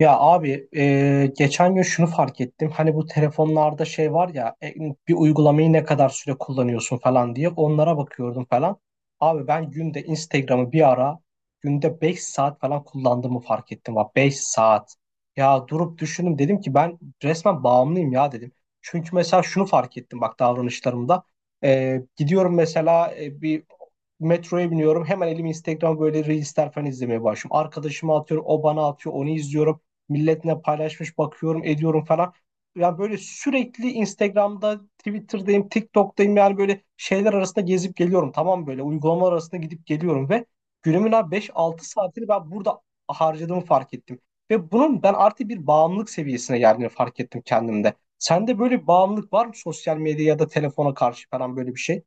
Ya abi geçen gün şunu fark ettim. Hani bu telefonlarda şey var ya bir uygulamayı ne kadar süre kullanıyorsun falan diye onlara bakıyordum falan. Abi ben günde Instagram'ı bir ara günde 5 saat falan kullandığımı fark ettim. Bak, 5 saat. Ya durup düşündüm, dedim ki ben resmen bağımlıyım ya dedim. Çünkü mesela şunu fark ettim, bak, davranışlarımda. Gidiyorum mesela bir metroya biniyorum, hemen elimi Instagram, böyle reelsler falan izlemeye başlıyorum. Arkadaşıma atıyorum, o bana atıyor, onu izliyorum, milletle paylaşmış, bakıyorum, ediyorum falan. Yani böyle sürekli Instagram'da, Twitter'dayım, TikTok'tayım, yani böyle şeyler arasında gezip geliyorum. Tamam, böyle uygulamalar arasında gidip geliyorum ve günümün abi 5-6 saatini ben burada harcadığımı fark ettim. Ve bunun ben artık bir bağımlılık seviyesine geldiğini fark ettim kendimde. Sende böyle bir bağımlılık var mı, sosyal medya ya da telefona karşı falan, böyle bir şey?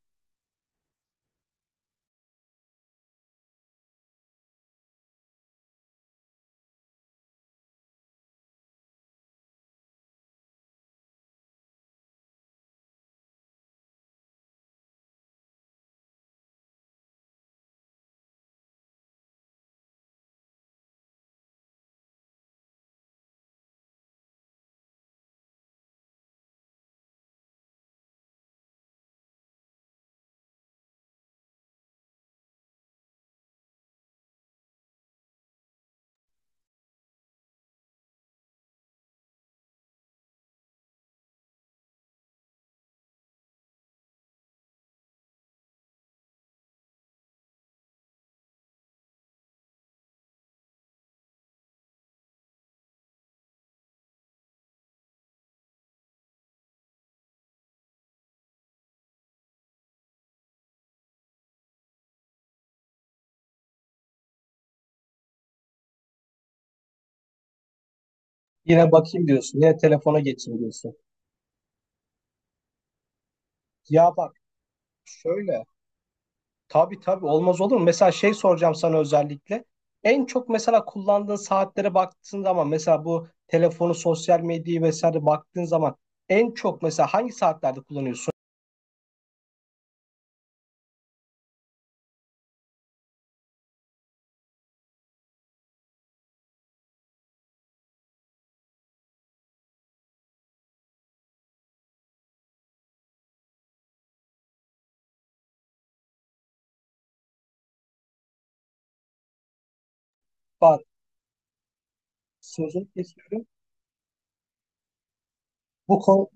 Yine bakayım diyorsun. Yine telefona geçeyim diyorsun. Ya bak, şöyle... Tabii tabii, olmaz olur mu? Mesela şey soracağım sana özellikle. En çok mesela kullandığın saatlere baktığın zaman, mesela bu telefonu, sosyal medyayı vesaire baktığın zaman, en çok mesela hangi saatlerde kullanıyorsun? Bak, sözünü kesiyorum. Bu konu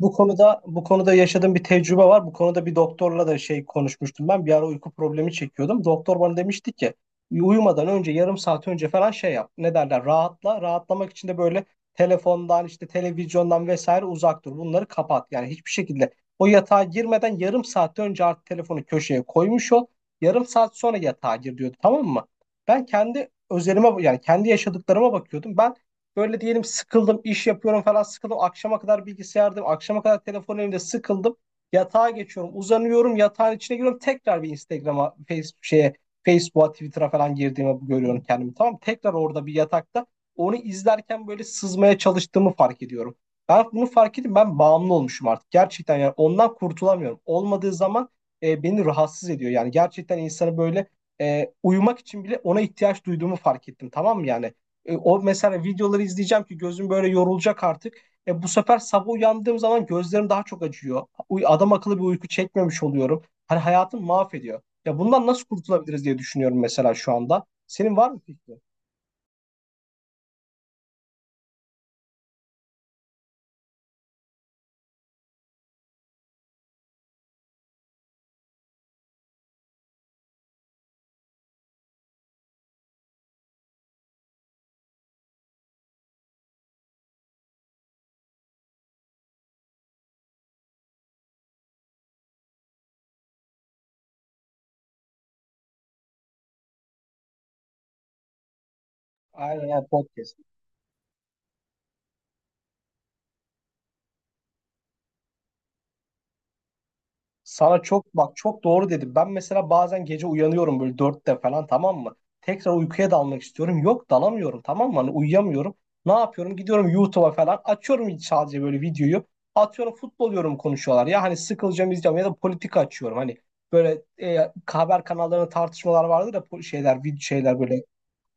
bu konuda yaşadığım bir tecrübe var. Bu konuda bir doktorla da şey konuşmuştum ben. Bir ara uyku problemi çekiyordum. Doktor bana demişti ki uyumadan önce yarım saat önce falan şey yap. Ne derler? Rahatla. Rahatlamak için de böyle telefondan, işte televizyondan vesaire uzak dur. Bunları kapat. Yani hiçbir şekilde o yatağa girmeden yarım saat önce artık telefonu köşeye koymuş ol. Yarım saat sonra yatağa gir, diyordu. Tamam mı? Ben kendi özelime yani kendi yaşadıklarıma bakıyordum. Böyle diyelim, sıkıldım, iş yapıyorum falan, sıkıldım. Akşama kadar bilgisayardayım, akşama kadar telefon elimde, sıkıldım. Yatağa geçiyorum, uzanıyorum, yatağın içine giriyorum. Tekrar bir Instagram'a, Facebook şeye, Facebook'a, Twitter'a falan girdiğimi görüyorum kendimi. Tamam mı? Tekrar orada bir yatakta onu izlerken böyle sızmaya çalıştığımı fark ediyorum. Ben bunu fark ettim. Ben bağımlı olmuşum artık. Gerçekten, yani ondan kurtulamıyorum. Olmadığı zaman beni rahatsız ediyor. Yani gerçekten insanı böyle uyumak için bile ona ihtiyaç duyduğumu fark ettim. Tamam mı yani? O mesela videoları izleyeceğim ki gözüm böyle yorulacak artık. Bu sefer sabah uyandığım zaman gözlerim daha çok acıyor. Adam akıllı bir uyku çekmemiş oluyorum. Hani hayatım mahvediyor. Ya bundan nasıl kurtulabiliriz diye düşünüyorum mesela şu anda. Senin var mı fikrin? Aynen aynen, podcast. Sana çok, bak, çok doğru dedim. Ben mesela bazen gece uyanıyorum böyle 4'te falan, tamam mı? Tekrar uykuya dalmak istiyorum. Yok, dalamıyorum, tamam mı? Hani uyuyamıyorum. Ne yapıyorum? Gidiyorum YouTube'a falan. Açıyorum sadece böyle videoyu. Atıyorum, futbol diyorum, konuşuyorlar. Ya hani sıkılacağım, izleyeceğim, ya da politika açıyorum. Hani böyle haber kanallarında tartışmalar vardır da, şeyler, video şeyler böyle.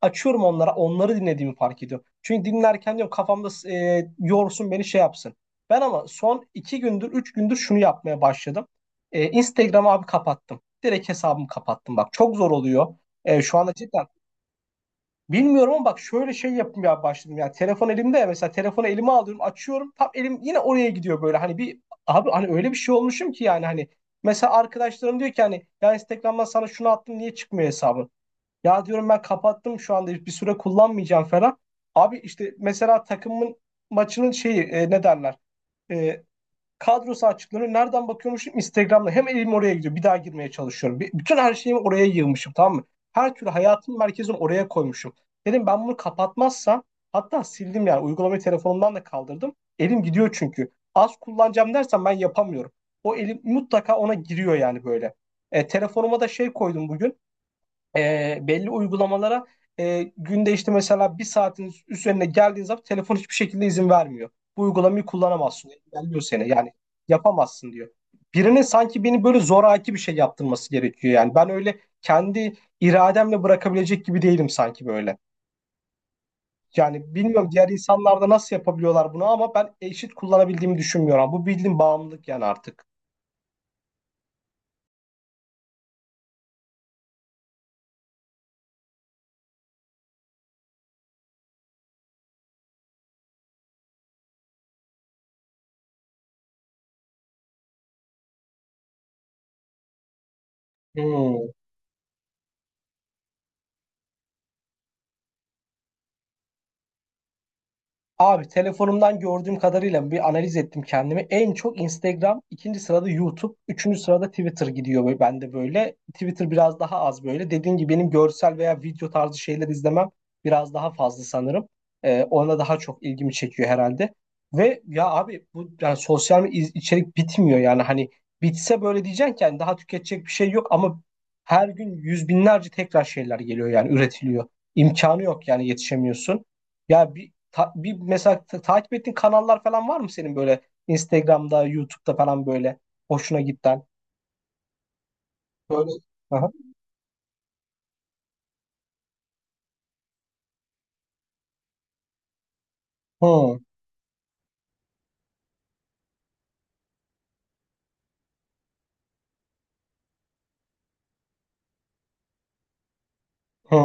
Açıyorum onlara, onları dinlediğimi fark ediyorum. Çünkü dinlerken diyorum kafamda yorsun beni, şey yapsın. Ben ama son 2 gündür, 3 gündür şunu yapmaya başladım. Instagram'ı abi kapattım. Direkt hesabımı kapattım. Bak, çok zor oluyor. Şu anda cidden bilmiyorum, ama bak, şöyle şey yapmaya başladım. Yani telefon elimde, ya mesela telefonu elime alıyorum, açıyorum. Tam elim yine oraya gidiyor böyle. Hani bir, abi, hani öyle bir şey olmuşum ki, yani hani... Mesela arkadaşlarım diyor ki, hani ya Instagram'dan sana şunu attım, niye çıkmıyor hesabın? Ya diyorum ben kapattım, şu anda bir süre kullanmayacağım falan. Abi işte mesela takımın maçının şeyi, ne derler? E, kadrosu açıklanıyor. Nereden bakıyormuşum? Instagram'da. Hem elim oraya gidiyor. Bir daha girmeye çalışıyorum. Bütün her şeyimi oraya yığmışım, tamam mı? Her türlü hayatımın merkezini oraya koymuşum. Dedim ben bunu kapatmazsam, hatta sildim yani. Uygulamayı telefonumdan da kaldırdım. Elim gidiyor çünkü. Az kullanacağım dersen ben yapamıyorum. O elim mutlaka ona giriyor yani böyle. Telefonuma da şey koydum bugün, belli uygulamalara, günde işte mesela bir saatin üzerine geldiğin zaman telefon hiçbir şekilde izin vermiyor. Bu uygulamayı kullanamazsın, diyor. Engelliyor seni. Yani yapamazsın, diyor. Birine sanki beni böyle zoraki bir şey yaptırması gerekiyor yani. Ben öyle kendi irademle bırakabilecek gibi değilim sanki böyle. Yani bilmiyorum, diğer insanlar da nasıl yapabiliyorlar bunu, ama ben eşit kullanabildiğimi düşünmüyorum. Bu bildiğin bağımlılık yani artık. Hmm. Abi telefonumdan gördüğüm kadarıyla bir analiz ettim kendimi. En çok Instagram, ikinci sırada YouTube, üçüncü sırada Twitter gidiyor böyle bende, böyle. Twitter biraz daha az böyle. Dediğim gibi benim görsel veya video tarzı şeyler izlemem biraz daha fazla sanırım. Ona daha çok ilgimi çekiyor herhalde. Ve ya abi bu, yani sosyal medya, içerik bitmiyor yani, hani bitse böyle diyeceksin ki hani daha tüketecek bir şey yok, ama her gün yüz binlerce tekrar şeyler geliyor yani, üretiliyor. İmkanı yok yani, yetişemiyorsun. Ya bir mesela takip ettiğin kanallar falan var mı senin böyle Instagram'da, YouTube'da falan böyle hoşuna giden? Böyle. Aha. Hı, hı,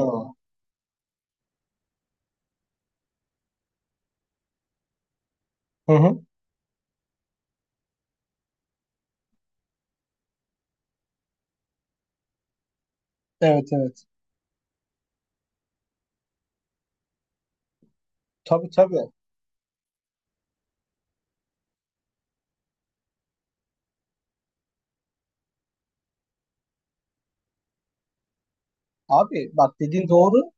hı, hı. Evet evet. Tabii tabii. Abi bak, dediğin doğru.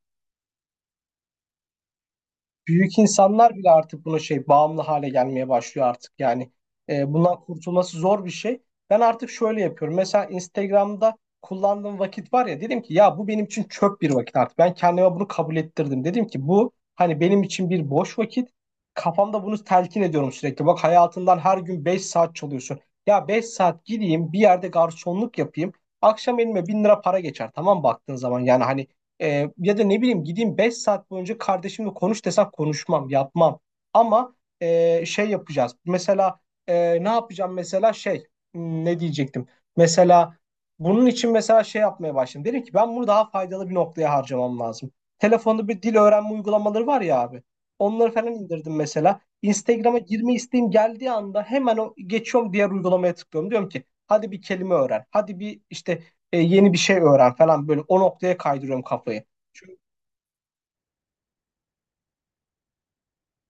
Büyük insanlar bile artık buna şey, bağımlı hale gelmeye başlıyor artık yani. Bundan kurtulması zor bir şey. Ben artık şöyle yapıyorum. Mesela Instagram'da kullandığım vakit var ya, dedim ki ya bu benim için çöp bir vakit artık. Ben kendime bunu kabul ettirdim. Dedim ki bu hani benim için bir boş vakit. Kafamda bunu telkin ediyorum sürekli. Bak, hayatından her gün 5 saat çalıyorsun. Ya 5 saat gideyim bir yerde garsonluk yapayım. Akşam elime 1.000 lira para geçer. Tamam, baktığın zaman, yani hani ya da ne bileyim gideyim 5 saat boyunca kardeşimle konuş desem konuşmam, yapmam. Ama şey yapacağız. Mesela ne yapacağım, mesela şey, ne diyecektim? Mesela bunun için mesela şey yapmaya başladım. Dedim ki ben bunu daha faydalı bir noktaya harcamam lazım. Telefonda bir dil öğrenme uygulamaları var ya abi. Onları falan indirdim mesela. Instagram'a girme isteğim geldiği anda hemen o, geçiyorum diğer uygulamaya, tıklıyorum. Diyorum ki hadi bir kelime öğren. Hadi bir, işte yeni bir şey öğren falan, böyle o noktaya kaydırıyorum kafayı. Çünkü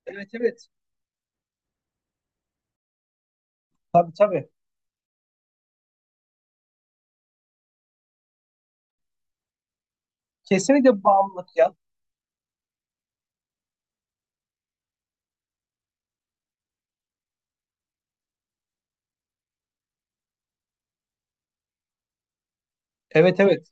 Evet evet. Tabii tabii. Kesinlikle bağımlılık ya. Evet evet.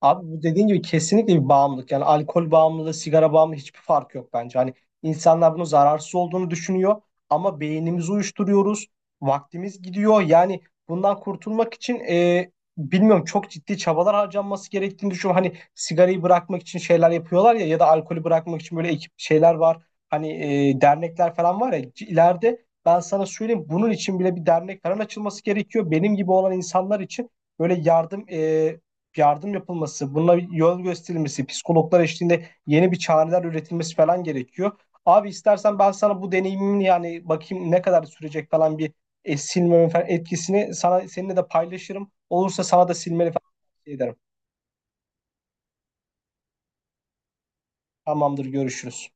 Abi bu dediğin gibi kesinlikle bir bağımlılık. Yani alkol bağımlılığı, sigara bağımlılığı, hiçbir fark yok bence. Hani insanlar bunun zararsız olduğunu düşünüyor, ama beynimizi uyuşturuyoruz. Vaktimiz gidiyor. Yani bundan kurtulmak için bilmiyorum, çok ciddi çabalar harcanması gerektiğini düşünüyorum. Hani sigarayı bırakmak için şeyler yapıyorlar ya, ya da alkolü bırakmak için böyle ekip şeyler var. Hani dernekler falan var ya, ileride ben sana söyleyeyim, bunun için bile bir dernek falan açılması gerekiyor. Benim gibi olan insanlar için böyle yardım, yardım yapılması, buna bir yol gösterilmesi, psikologlar eşliğinde yeni bir çareler üretilmesi falan gerekiyor. Abi istersen ben sana bu deneyimin, yani bakayım ne kadar sürecek falan, bir silmemin falan etkisini sana, seninle de paylaşırım. Olursa sana da silmeni falan tavsiye ederim. Tamamdır, görüşürüz.